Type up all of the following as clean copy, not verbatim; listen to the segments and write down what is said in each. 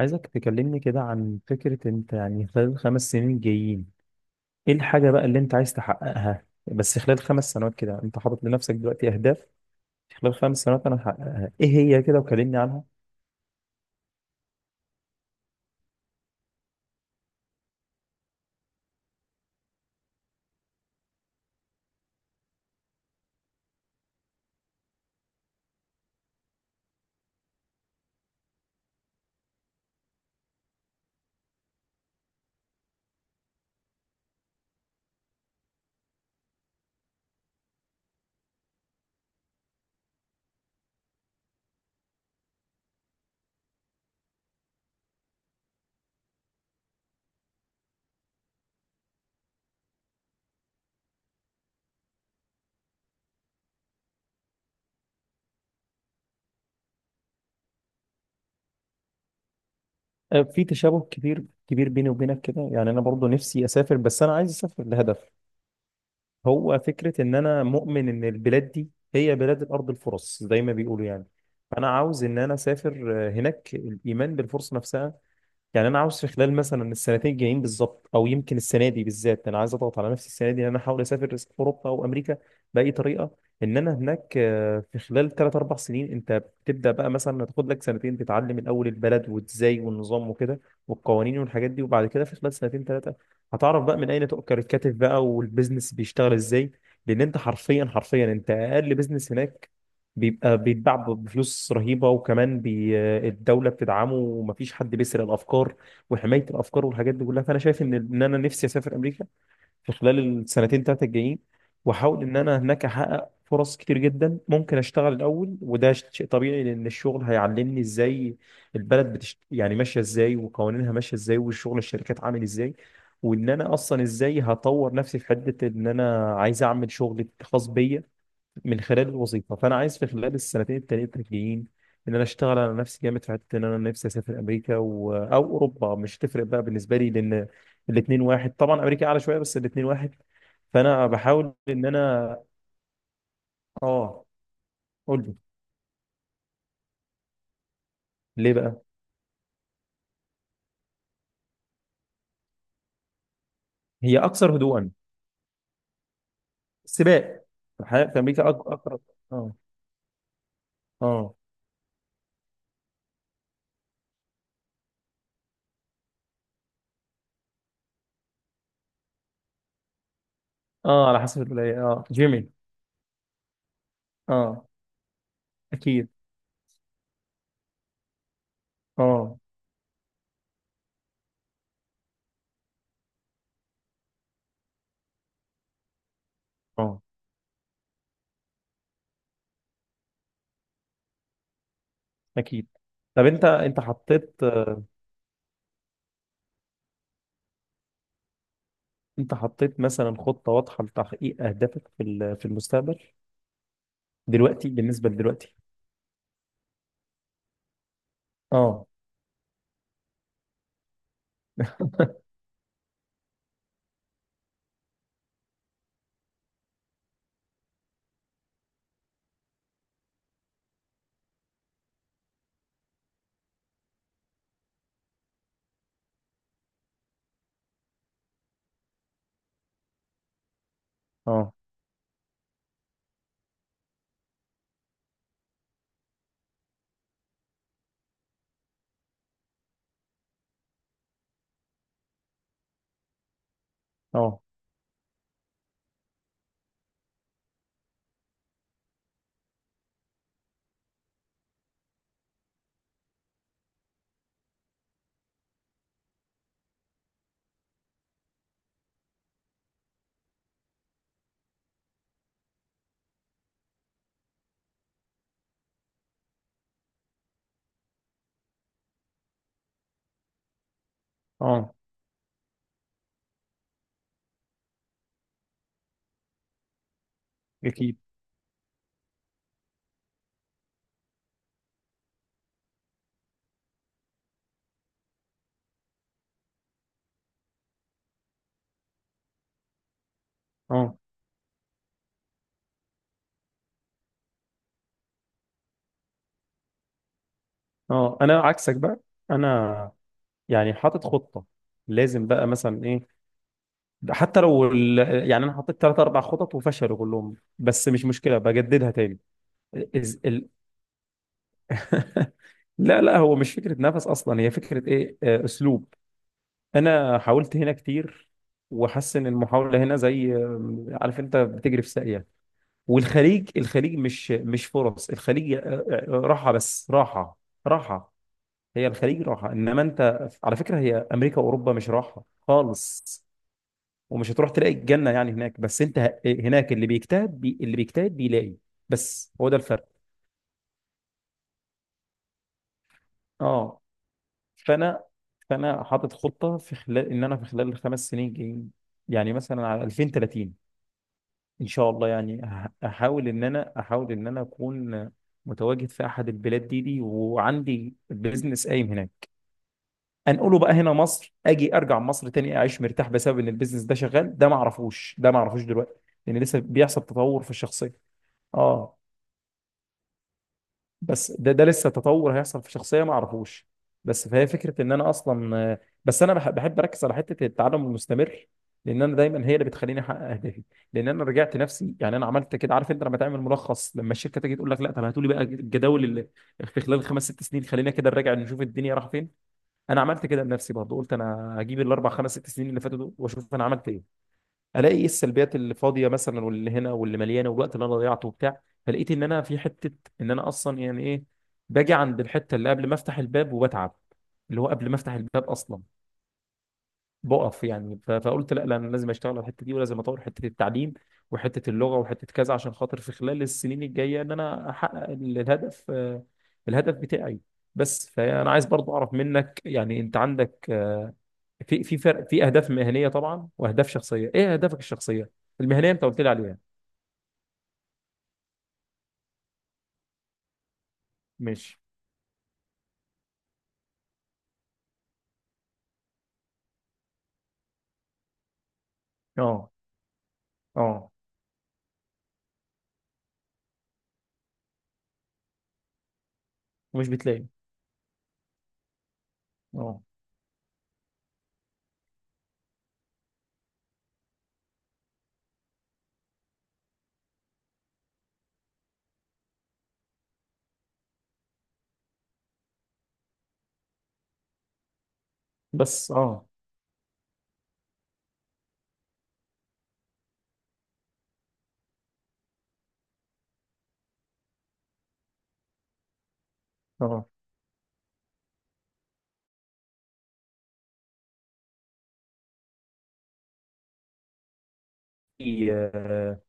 عايزك تكلمني كده عن فكرة انت يعني خلال الخمس سنين الجايين، ايه الحاجة بقى اللي انت عايز تحققها؟ بس خلال خمس سنوات كده انت حاطط لنفسك دلوقتي اهداف خلال خمس سنوات انا هحققها ايه هي كده، وكلمني عنها. في تشابه كبير كبير بيني وبينك كده، يعني انا برضو نفسي اسافر بس انا عايز اسافر لهدف. هو فكرة ان انا مؤمن ان البلاد دي هي بلاد الارض الفرص زي ما بيقولوا يعني. فانا عاوز ان انا اسافر هناك الايمان بالفرصة نفسها. يعني انا عاوز في خلال مثلا السنتين الجايين بالظبط او يمكن السنه دي بالذات انا عايز اضغط على نفسي السنه دي ان انا احاول اسافر اوروبا او امريكا باي طريقه. ان انا هناك في خلال 3 4 سنين انت بتبدا بقى مثلا تاخد لك سنتين تتعلم الاول البلد وازاي والنظام وكده والقوانين والحاجات دي، وبعد كده في خلال سنتين ثلاثه هتعرف بقى من اين تؤكل الكتف بقى والبيزنس بيشتغل ازاي. لان انت حرفيا حرفيا انت اقل بيزنس هناك بيبقى بيتباع بفلوس رهيبة، وكمان بي آه، الدولة بتدعمه ومفيش حد بيسرق الأفكار وحماية الأفكار والحاجات دي كلها. فأنا شايف إن أنا نفسي أسافر أمريكا في خلال السنتين تلاتة الجايين، وأحاول إن أنا هناك أحقق فرص كتير جدا. ممكن أشتغل الأول وده شيء طبيعي لأن الشغل هيعلمني إزاي يعني ماشية إزاي، وقوانينها ماشية إزاي، والشغل الشركات عامل إزاي، وإن أنا أصلا إزاي هطور نفسي في حتة إن أنا عايز أعمل شغل خاص بيا من خلال الوظيفه. فانا عايز في خلال السنتين التلاتة الجايين ان انا اشتغل على نفسي جامد في حته ان انا نفسي اسافر امريكا او اوروبا، مش تفرق بقى بالنسبه لي لان الاثنين واحد. طبعا امريكا اعلى شويه بس الاثنين واحد. فانا بحاول ان انا اه. قول لي، ليه بقى؟ هي اكثر هدوءا؟ سباق؟ الحياه في امريكا اكثر. اه. اه. اه على حسب الولايه، اه جيمي. اه اكيد. اه. اه اكيد. طب انت حطيت، انت حطيت مثلا خطة واضحة لتحقيق اهدافك في المستقبل دلوقتي بالنسبة لدلوقتي؟ اه. اه. اه. اه اكيد. اه. اه انا عكسك بقى. انا يعني حاطط خطه، لازم بقى مثلا ايه. حتى لو يعني انا حطيت ثلاث اربع خطط وفشلوا كلهم، بس مش مشكله، بجددها تاني. إز... ال... لا لا، هو مش فكره نفس اصلا، هي فكره ايه اسلوب. انا حاولت هنا كتير، وحاسس ان المحاوله هنا زي عارف انت بتجري في ساقيه. والخليج مش فرص، الخليج راحه، بس راحه، راحه. هي الخليج راحه، انما انت على فكره هي امريكا واوروبا مش راحه خالص. ومش هتروح تلاقي الجنه يعني هناك، بس انت هناك اللي بيجتهد بيلاقي. بس هو ده الفرق. اه. فانا، فانا حاطط خطه في خلال ان انا في خلال الخمس سنين الجايين، يعني مثلا على 2030 ان شاء الله. يعني احاول ان انا، احاول ان انا اكون متواجد في احد البلاد دي وعندي بيزنس قايم هناك، انقله بقى هنا مصر، اجي ارجع مصر تاني اعيش مرتاح بسبب ان البيزنس ده شغال. ده ما اعرفوش، ده ما اعرفوش دلوقتي لان لسه بيحصل تطور في الشخصيه. اه. بس ده لسه تطور هيحصل في شخصيه ما اعرفوش. بس فهي فكره ان انا اصلا بس انا بحب اركز على حته التعلم المستمر، لان انا دايما هي اللي بتخليني احقق اهدافي. لان انا رجعت نفسي، يعني انا عملت كده، عارف انت لما تعمل ملخص، لما الشركه تيجي تقول لك لا طب هاتوا لي بقى الجداول اللي في خلال خمس ست سنين، خلينا كده نراجع نشوف الدنيا راح فين. انا عملت كده لنفسي برضه، قلت انا هجيب الاربع خمس ست سنين اللي فاتوا دول واشوف انا عملت ايه. الاقي ايه السلبيات اللي فاضيه مثلا، واللي هنا واللي مليانه، والوقت اللي انا ضيعته وبتاع. فلقيت ان انا في حته، ان انا اصلا يعني ايه، باجي عند الحته اللي قبل ما افتح الباب وبتعب، اللي هو قبل ما افتح الباب اصلا بقف يعني. فقلت لا لا، انا لازم اشتغل على الحته دي ولازم اطور حته التعليم وحته اللغه وحته كذا، عشان خاطر في خلال السنين الجايه ان انا احقق الهدف الهدف بتاعي. بس فانا عايز برضو اعرف منك، يعني انت عندك في فرق في اهداف مهنيه طبعا واهداف شخصيه، ايه اهدافك الشخصيه؟ المهنيه انت قلت لي عليها. مش. اه. اه. ومش بتلاقي. اه. بس اه. اه. في- اه.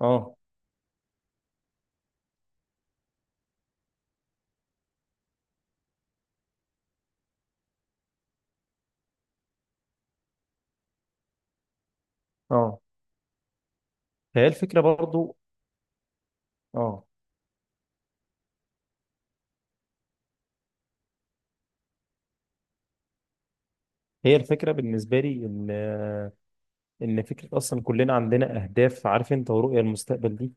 اه. آه. فهي الفكره برضو. اه. هي الفكرة بالنسبة لي إن، إن فكرة أصلا كلنا عندنا أهداف، عارف أنت، ورؤية المستقبل دي،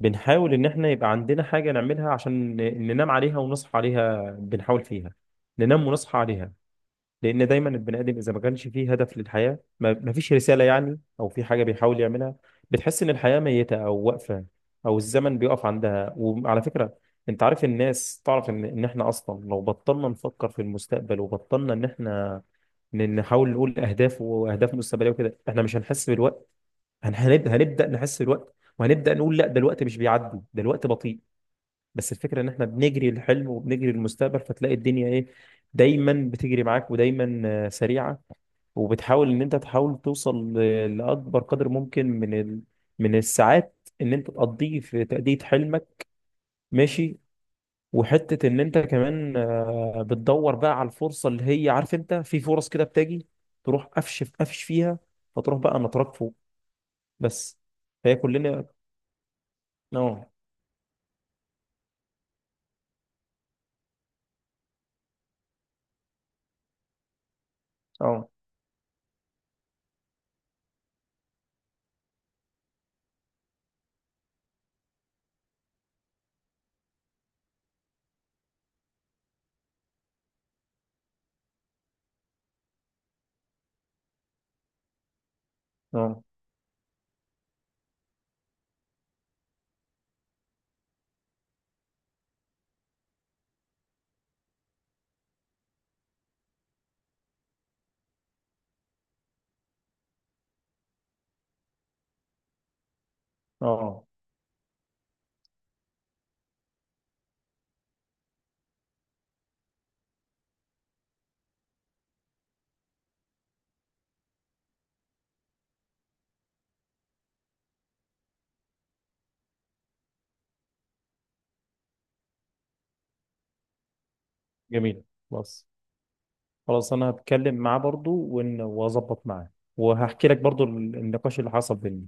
بنحاول إن إحنا يبقى عندنا حاجة نعملها عشان ننام عليها ونصحى عليها، بنحاول فيها ننام ونصحى عليها. لأن دايما البني آدم إذا ما كانش فيه هدف للحياة، ما فيش رسالة يعني، أو في حاجة بيحاول يعملها، بتحس إن الحياة ميتة أو واقفة أو الزمن بيقف عندها. وعلى فكرة أنت عارف الناس، تعرف إن إحنا أصلا لو بطلنا نفكر في المستقبل وبطلنا إن إحنا نحاول نقول اهداف واهداف مستقبليه وكده، احنا مش هنحس بالوقت. هنبدا نحس بالوقت، وهنبدا نقول لا ده الوقت مش بيعدي، ده الوقت بطيء. بس الفكره ان احنا بنجري الحلم وبنجري المستقبل، فتلاقي الدنيا ايه، دايما بتجري معاك، ودايما سريعه. وبتحاول ان انت تحاول توصل لاكبر قدر ممكن من الساعات ان انت تقضيه في تاديه حلمك، ماشي. وحتة إن أنت كمان بتدور بقى على الفرصة اللي هي، عارف أنت، في فرص كده بتجي تروح قفش فيها، فتروح بقى نطرق فوق. بس فهي كلنا أه. أه. أه. أه. جميل. خلاص. خلاص أنا هتكلم معاه برضو، وأظبط معاه، وهحكي لك برضو النقاش اللي حصل بينا.